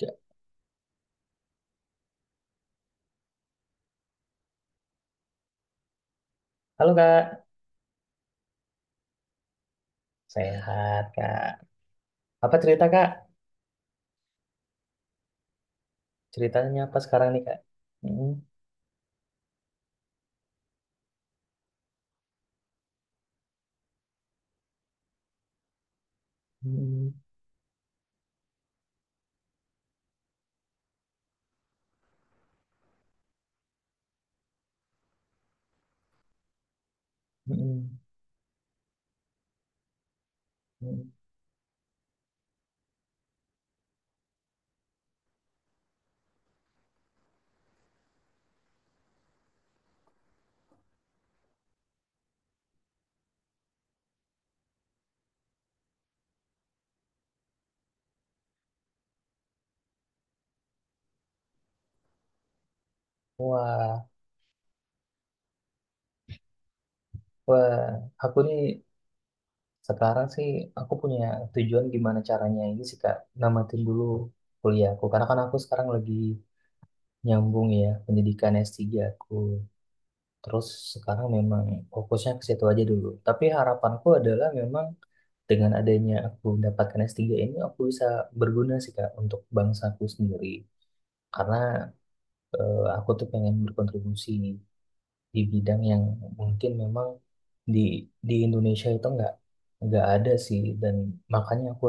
Ya. Halo Kak, sehat Kak. Apa cerita Kak? Ceritanya apa sekarang nih Kak? Mm, mm, mm, mm. Wah, wah, aku nih sekarang sih aku punya tujuan gimana caranya ini sih Kak, namatin dulu kuliahku. Karena kan aku sekarang lagi nyambung ya pendidikan S3 aku. Terus sekarang memang fokusnya ke situ aja dulu. Tapi harapanku adalah memang dengan adanya aku mendapatkan S3 ini aku bisa berguna sih Kak untuk bangsaku sendiri karena aku tuh pengen berkontribusi di bidang yang mungkin memang di di Indonesia itu nggak ada sih dan makanya aku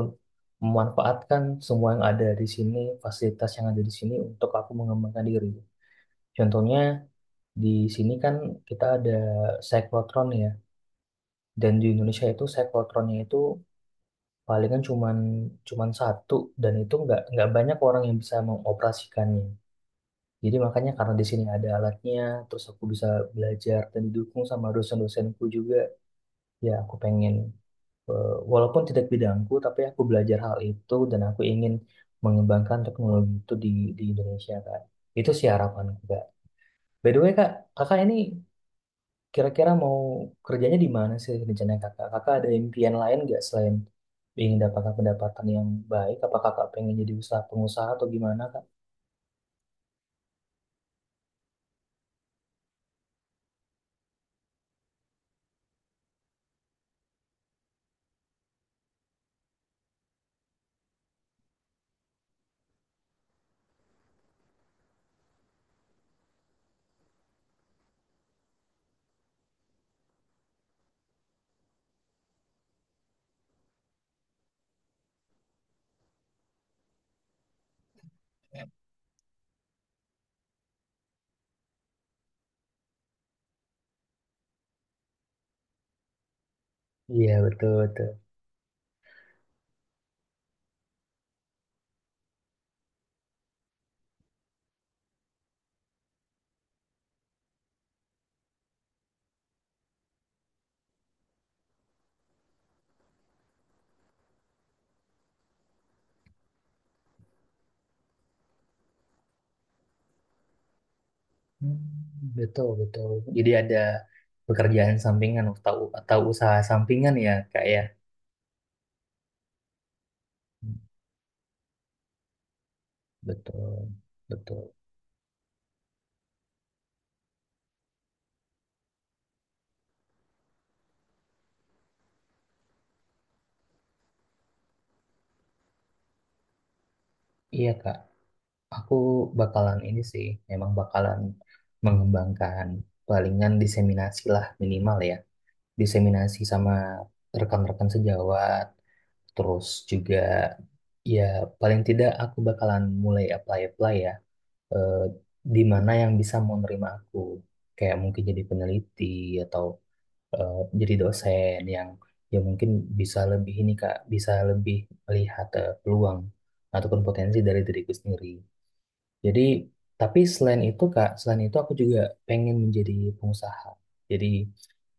memanfaatkan semua yang ada di sini, fasilitas yang ada di sini untuk aku mengembangkan diri. Contohnya di sini kan kita ada cyclotron ya, dan di Indonesia itu cyclotronnya itu palingan cuman cuman satu, dan itu nggak banyak orang yang bisa mengoperasikannya. Jadi makanya karena di sini ada alatnya, terus aku bisa belajar dan didukung sama dosen-dosenku juga. Ya aku pengen walaupun tidak bidangku, tapi aku belajar hal itu dan aku ingin mengembangkan teknologi itu di Indonesia Kak. Itu sih harapanku Kak. By the way Kak, kakak ini kira-kira mau kerjanya di mana sih rencana kakak? Kakak ada impian lain nggak selain ingin dapat pendapatan yang baik? Apa kakak pengen jadi usaha pengusaha atau gimana, Kak? Iya, betul, betul. Hmm, betul, betul. Jadi ada pekerjaan sampingan atau usaha sampingan ya, Kak ya? Hmm, betul, betul. Iya, Kak. Aku bakalan ini sih, memang bakalan mengembangkan, palingan diseminasi lah minimal ya. Diseminasi sama rekan-rekan sejawat, terus juga ya paling tidak aku bakalan mulai apply-apply ya, eh, di mana yang bisa mau nerima aku, kayak mungkin jadi peneliti atau eh, jadi dosen yang ya mungkin bisa lebih ini Kak, bisa lebih melihat peluang ataupun potensi dari diriku sendiri. Jadi tapi selain itu Kak, selain itu aku juga pengen menjadi pengusaha. Jadi,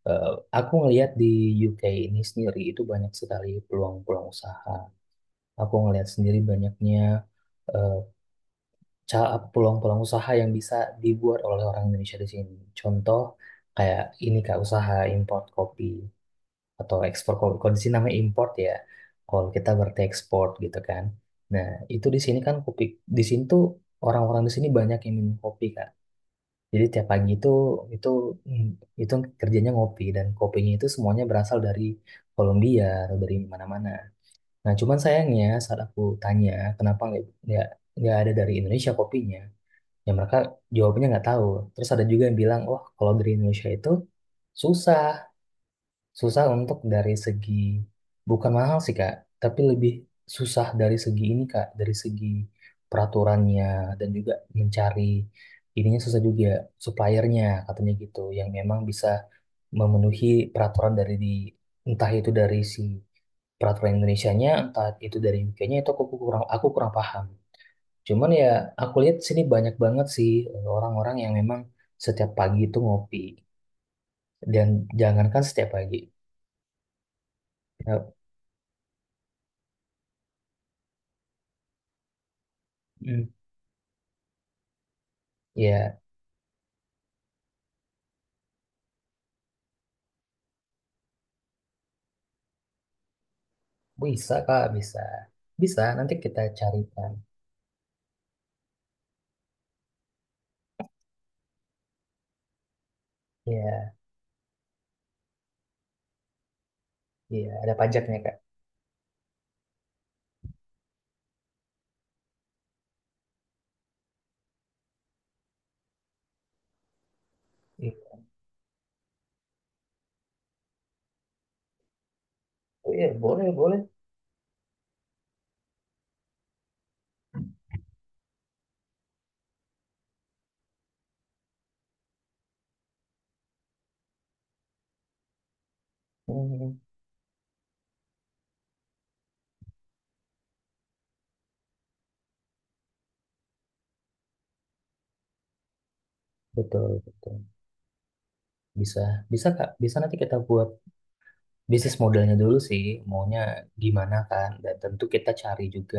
Eh, aku ngelihat di UK ini sendiri itu banyak sekali peluang-peluang usaha. Aku ngelihat sendiri banyaknya eh, peluang-peluang usaha yang bisa dibuat oleh orang Indonesia di sini. Contoh kayak ini Kak, usaha import kopi atau ekspor kopi. Kalau di sini namanya import ya. Kalau kita berarti ekspor gitu kan. Nah itu di sini kan kopi, di sini tuh orang-orang di sini banyak yang minum kopi Kak. Jadi tiap pagi itu mm, itu kerjanya ngopi, dan kopinya itu semuanya berasal dari Kolombia atau dari mana-mana. Nah, cuman sayangnya saat aku tanya kenapa nggak nggak nggak ada dari Indonesia kopinya, ya mereka jawabnya nggak tahu. Terus ada juga yang bilang, wah kalau dari Indonesia itu susah, susah untuk dari segi, bukan mahal sih Kak, tapi lebih susah dari segi ini Kak, dari segi peraturannya dan juga mencari ininya susah juga, suppliernya katanya gitu, yang memang bisa memenuhi peraturan dari di entah itu dari si peraturan Indonesianya, entah itu dari UK-nya, itu aku kurang, aku kurang paham. Cuman ya aku lihat sini banyak banget sih orang-orang yang memang setiap pagi itu ngopi dan jangankan setiap pagi. Ya, mm. Ya, bisa Kak, bisa. Bisa, nanti kita carikan. Ya, iya, ada pajaknya Kak. Itu ya, boleh, boleh. Hmm, betul, betul. Bisa, bisa Kak. Bisa nanti kita buat bisnis modelnya dulu sih, maunya gimana kan. Dan tentu kita cari juga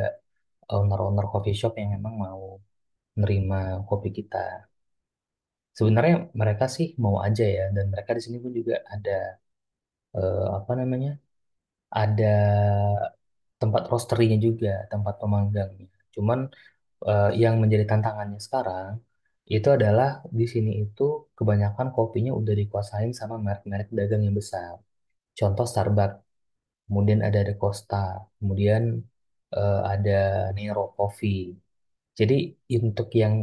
owner-owner coffee shop yang memang mau nerima kopi kita. Sebenarnya mereka sih mau aja ya, dan mereka di sini pun juga ada apa namanya, ada tempat roastery-nya juga, tempat pemanggangnya. Cuman yang menjadi tantangannya sekarang itu adalah di sini itu kebanyakan kopinya udah dikuasain sama merek-merek dagang yang besar. Contoh Starbucks, kemudian ada The Costa, kemudian ada Nero Coffee. Jadi untuk yang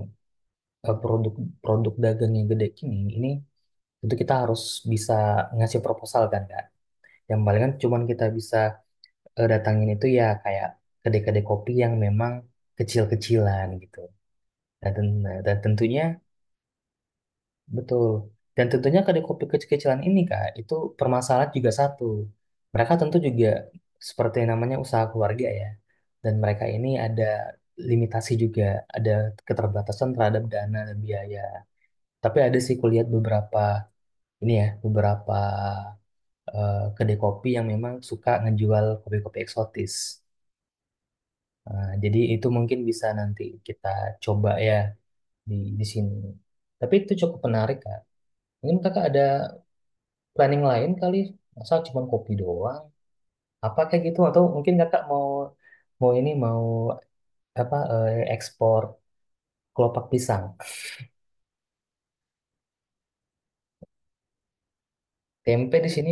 produk-produk dagang yang gede ini tentu kita harus bisa ngasih proposal kan Kak. Yang paling kan cuman kita bisa datangin itu ya kayak kedai-kedai kopi yang memang kecil-kecilan gitu. Dan, dan tentunya betul. Dan tentunya kedai kopi kecil-kecilan ini Kak, itu permasalahan juga satu. Mereka tentu juga seperti yang namanya usaha keluarga ya. Dan mereka ini ada limitasi juga, ada keterbatasan terhadap dana dan biaya. Tapi ada sih kulihat beberapa ini ya, beberapa kedai kopi yang memang suka ngejual kopi-kopi eksotis. Nah, jadi itu mungkin bisa nanti kita coba ya di sini. Tapi itu cukup menarik, Kak. Mungkin Kakak ada planning lain kali, masa cuma kopi doang? Apa kayak gitu atau mungkin Kakak mau mau ini mau apa ekspor kelopak pisang. Tempe di sini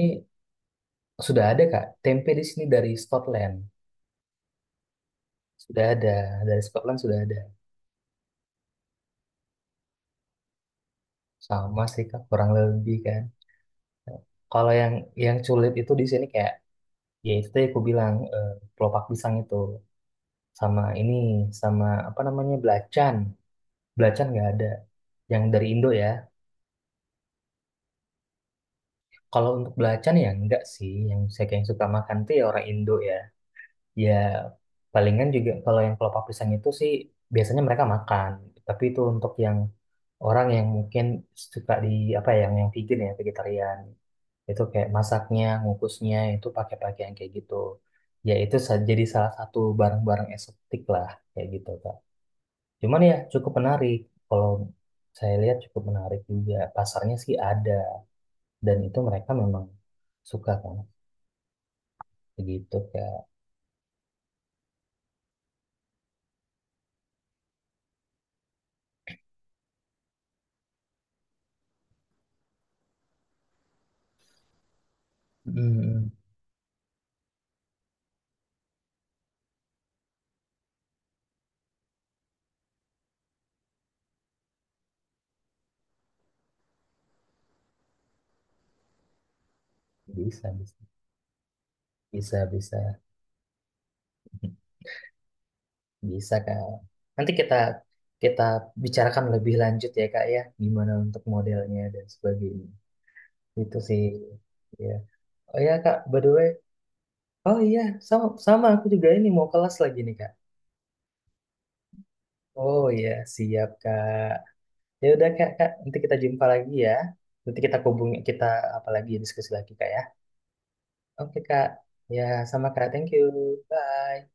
sudah ada, Kak. Tempe di sini dari Scotland. Sudah ada, dari Scotland sudah ada. Sama sih, Kak, kurang lebih kan. Kalau yang sulit itu di sini kayak ya itu tadi aku bilang kelopak pisang itu. Sama ini, sama apa namanya belacan, belacan nggak ada yang dari Indo ya. Kalau untuk belacan ya enggak sih, yang saya kayak suka makan tuh ya orang Indo ya. Ya palingan juga kalau yang kelopak pisang itu sih biasanya mereka makan, tapi itu untuk yang orang yang mungkin suka di apa ya, yang vegan ya vegetarian. Itu kayak masaknya, ngukusnya itu pakai pakaian kayak gitu, ya itu jadi salah satu barang-barang eksotik lah kayak gitu. Cuman ya cukup menarik. Kalau saya lihat cukup menarik juga. Pasarnya sih ada. Dan itu mereka memang suka kan. Begitu Kak. Mm, bisa, bisa, bisa, bisa, bisa Kak. Nanti kita kita bicarakan lebih lanjut ya kak ya. Gimana untuk modelnya dan sebagainya. Itu sih. Ya. Oh ya kak, by the way. Oh iya, sama, sama aku juga ini mau kelas lagi nih Kak. Oh iya, siap Kak. Ya udah kak, kak, nanti kita jumpa lagi ya. Nanti kita hubungi, kita apalagi diskusi lagi Kak ya. Oke Kak, ya sama Kak, thank you, bye.